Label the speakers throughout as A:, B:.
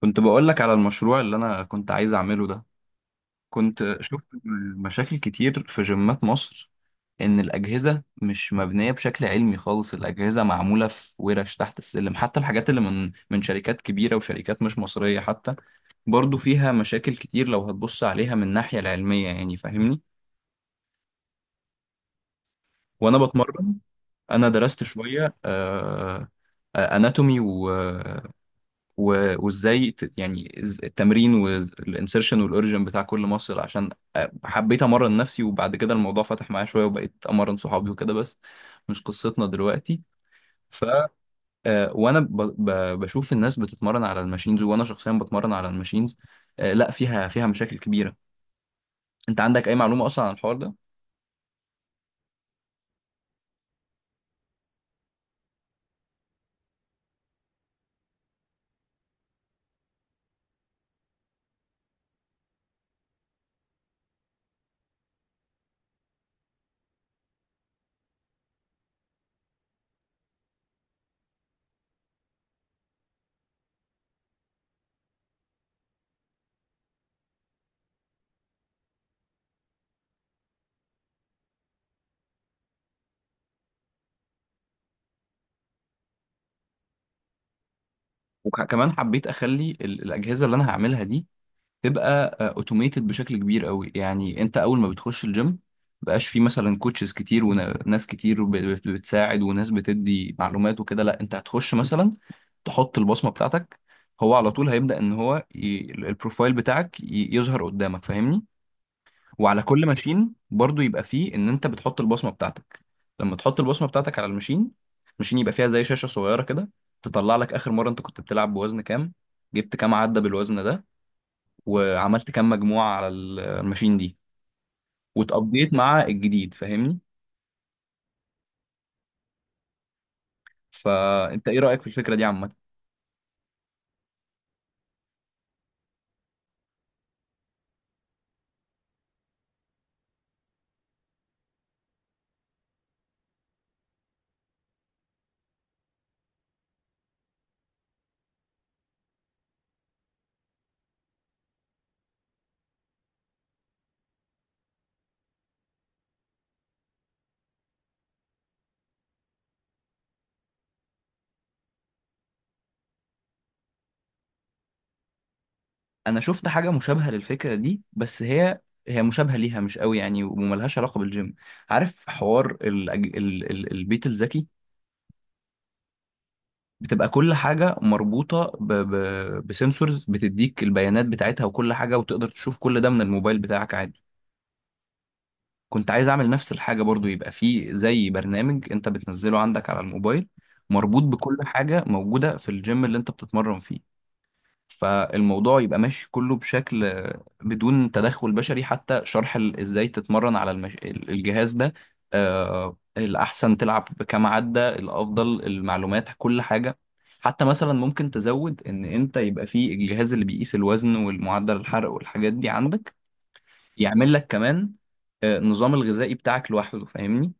A: كنت بقول لك على المشروع اللي انا كنت عايز اعمله ده. كنت شفت مشاكل كتير في جيمات مصر، ان الاجهزه مش مبنيه بشكل علمي خالص. الاجهزه معموله في ورش تحت السلم، حتى الحاجات اللي من شركات كبيره وشركات مش مصريه حتى برضو فيها مشاكل كتير لو هتبص عليها من الناحيه العلميه، يعني فاهمني. وانا بتمرن انا درست شويه اناتومي، وازاي التمرين والانسرشن والاوريجن بتاع كل مصل، عشان حبيت امرن نفسي. وبعد كده الموضوع فتح معايا شويه وبقيت امرن صحابي وكده، بس مش قصتنا دلوقتي. ف آه، وانا ب... ب... بشوف الناس بتتمرن على الماشينز، وانا شخصيا بتمرن على الماشينز. لا، فيها مشاكل كبيره. انت عندك اي معلومه اصلا عن الحوار ده؟ وكمان حبيت اخلي الاجهزه اللي انا هعملها دي تبقى اوتوميتد بشكل كبير قوي. يعني انت اول ما بتخش الجيم مبقاش في مثلا كوتشز كتير وناس كتير بتساعد وناس بتدي معلومات وكده. لا، انت هتخش مثلا تحط البصمة بتاعتك، هو على طول هيبدأ ان هو البروفايل بتاعك يظهر قدامك، فاهمني؟ وعلى كل ماشين برضو يبقى فيه ان انت بتحط البصمة بتاعتك. لما تحط البصمة بتاعتك على الماشين، الماشين يبقى فيها زي شاشة صغيرة كده، تطلع لك اخر مرة انت كنت بتلعب بوزن كام، جبت كام عدى بالوزن ده، وعملت كام مجموعة على الماشين دي واتقضيت مع الجديد، فاهمني؟ فانت ايه رأيك في الفكرة دي عامة؟ انا شفت حاجة مشابهة للفكرة دي، بس هي مشابهة ليها مش قوي يعني، وملهاش علاقة بالجيم. عارف حوار البيت الذكي؟ بتبقى كل حاجة مربوطة بسنسورز بتديك البيانات بتاعتها وكل حاجة، وتقدر تشوف كل ده من الموبايل بتاعك عادي. كنت عايز اعمل نفس الحاجة، برضو يبقى فيه زي برنامج انت بتنزله عندك على الموبايل مربوط بكل حاجة موجودة في الجيم اللي انت بتتمرن فيه. فالموضوع يبقى ماشي كله بشكل بدون تدخل بشري، حتى شرح ازاي تتمرن على الجهاز ده، الأحسن تلعب بكام عدة، الأفضل، المعلومات، كل حاجة. حتى مثلا ممكن تزود ان انت يبقى فيه الجهاز اللي بيقيس الوزن والمعدل الحرق والحاجات دي عندك، يعمل لك كمان النظام الغذائي بتاعك لوحده، فاهمني؟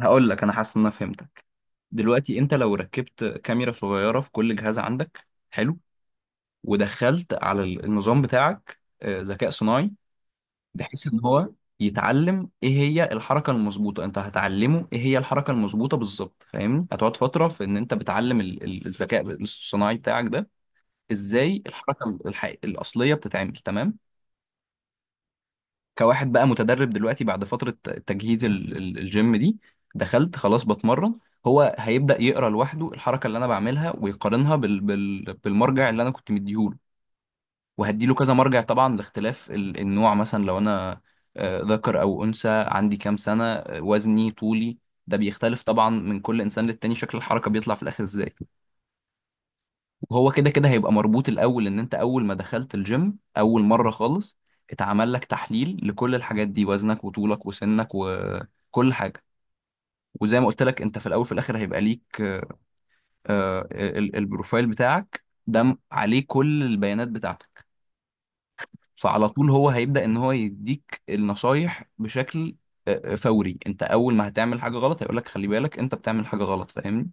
A: هقول لك انا حاسس ان انا فهمتك. دلوقتي انت لو ركبت كاميرا صغيره في كل جهاز عندك حلو، ودخلت على النظام بتاعك ذكاء صناعي، بحيث ان هو يتعلم ايه هي الحركه المظبوطه. انت هتعلمه ايه هي الحركه المظبوطه بالظبط، فاهمني؟ هتقعد فتره في ان انت بتعلم الذكاء الصناعي بتاعك ده ازاي الحركه الحقيقية الاصليه بتتعمل، تمام. كواحد بقى متدرب دلوقتي بعد فترة تجهيز الجيم دي، دخلت خلاص بتمرن، هو هيبدأ يقرأ لوحده الحركة اللي أنا بعملها ويقارنها بالمرجع اللي أنا كنت مديهوله. وهديله كذا مرجع طبعا لاختلاف النوع، مثلا لو أنا ذكر أو أنثى، عندي كام سنة، وزني، طولي. ده بيختلف طبعا من كل إنسان للتاني شكل الحركة بيطلع في الآخر إزاي. هو كده كده هيبقى مربوط الاول، ان انت اول ما دخلت الجيم اول مره خالص اتعمل لك تحليل لكل الحاجات دي، وزنك وطولك وسنك وكل حاجه. وزي ما قلت لك انت في الاول في الاخر هيبقى ليك آه، البروفايل بتاعك ده عليه كل البيانات بتاعتك. فعلى طول هو هيبدا ان هو يديك النصايح بشكل فوري. انت اول ما هتعمل حاجه غلط هيقول لك خلي بالك انت بتعمل حاجه غلط، فاهمني؟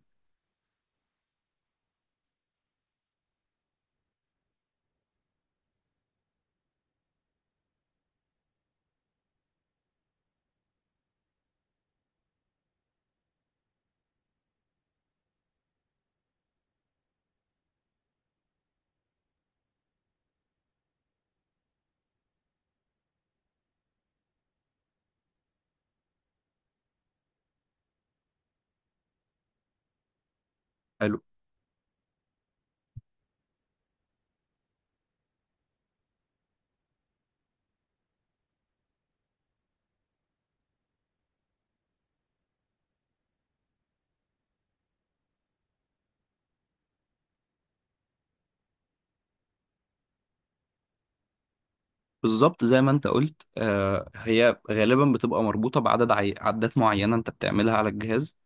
A: بالظبط زي ما انت قلت، هي غالبا بتبقى مربوطة بعدد عدات معينة انت بتعملها على الجهاز.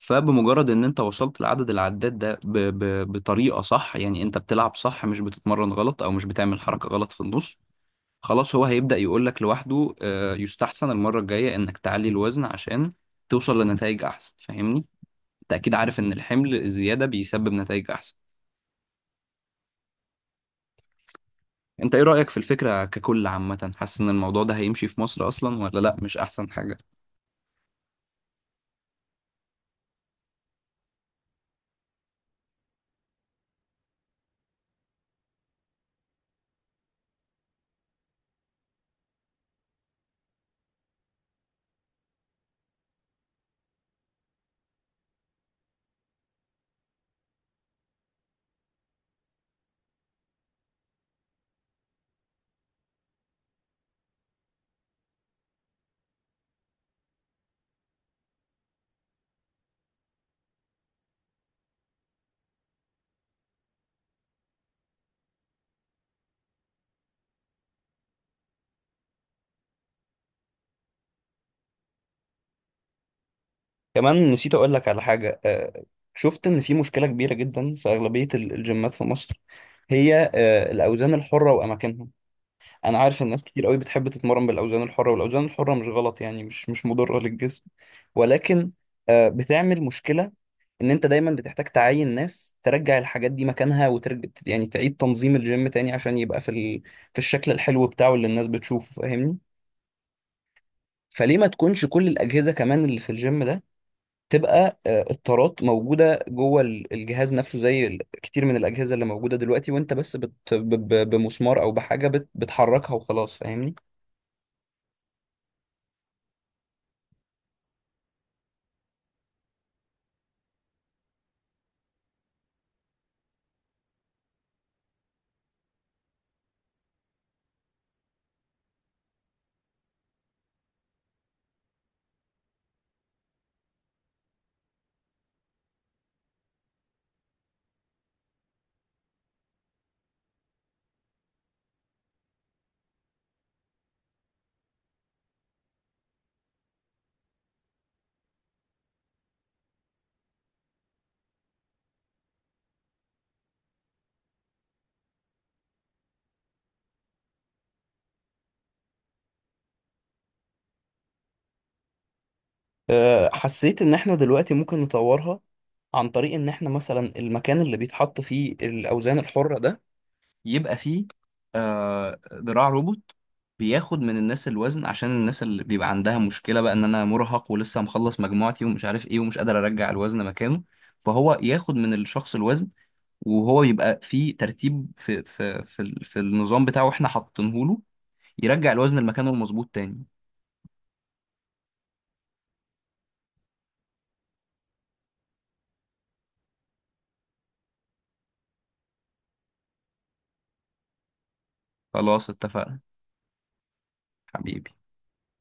A: فبمجرد ان انت وصلت لعدد العدات ده بطريقة صح، يعني انت بتلعب صح، مش بتتمرن غلط او مش بتعمل حركة غلط في النص، خلاص هو هيبدأ يقولك لوحده يستحسن المرة الجاية انك تعلي الوزن عشان توصل لنتائج احسن، فاهمني؟ انت اكيد عارف ان الحمل الزيادة بيسبب نتائج احسن. انت ايه رأيك في الفكرة ككل عامة؟ حاسس ان الموضوع ده هيمشي في مصر اصلا ولا لا؟ مش احسن حاجة؟ كمان نسيت اقول لك على حاجه، شفت ان في مشكله كبيره جدا في اغلبيه الجيمات في مصر، هي الاوزان الحره واماكنها. انا عارف ان ناس كتير قوي بتحب تتمرن بالاوزان الحره، والاوزان الحره مش غلط يعني، مش مضره للجسم، ولكن بتعمل مشكله ان انت دايما بتحتاج تعين ناس ترجع الحاجات دي مكانها، وترجع يعني تعيد تنظيم الجيم تاني عشان يبقى في في الشكل الحلو بتاعه اللي الناس بتشوفه، فاهمني؟ فليه ما تكونش كل الاجهزه كمان اللي في الجيم ده تبقى التارات موجودة جوه الجهاز نفسه، زي كتير من الأجهزة اللي موجودة دلوقتي، وأنت بس بمسمار أو بحاجة بتحركها وخلاص، فاهمني؟ حسيت إن إحنا دلوقتي ممكن نطورها عن طريق إن إحنا مثلا المكان اللي بيتحط فيه الأوزان الحرة ده يبقى فيه ذراع روبوت بياخد من الناس الوزن، عشان الناس اللي بيبقى عندها مشكلة بقى إن أنا مرهق ولسه مخلص مجموعتي ومش عارف إيه ومش قادر أرجع الوزن مكانه، فهو ياخد من الشخص الوزن. وهو بيبقى في ترتيب في النظام بتاعه احنا حاطينه له، يرجع الوزن لمكانه المظبوط تاني. خلاص اتفقنا، حبيبي.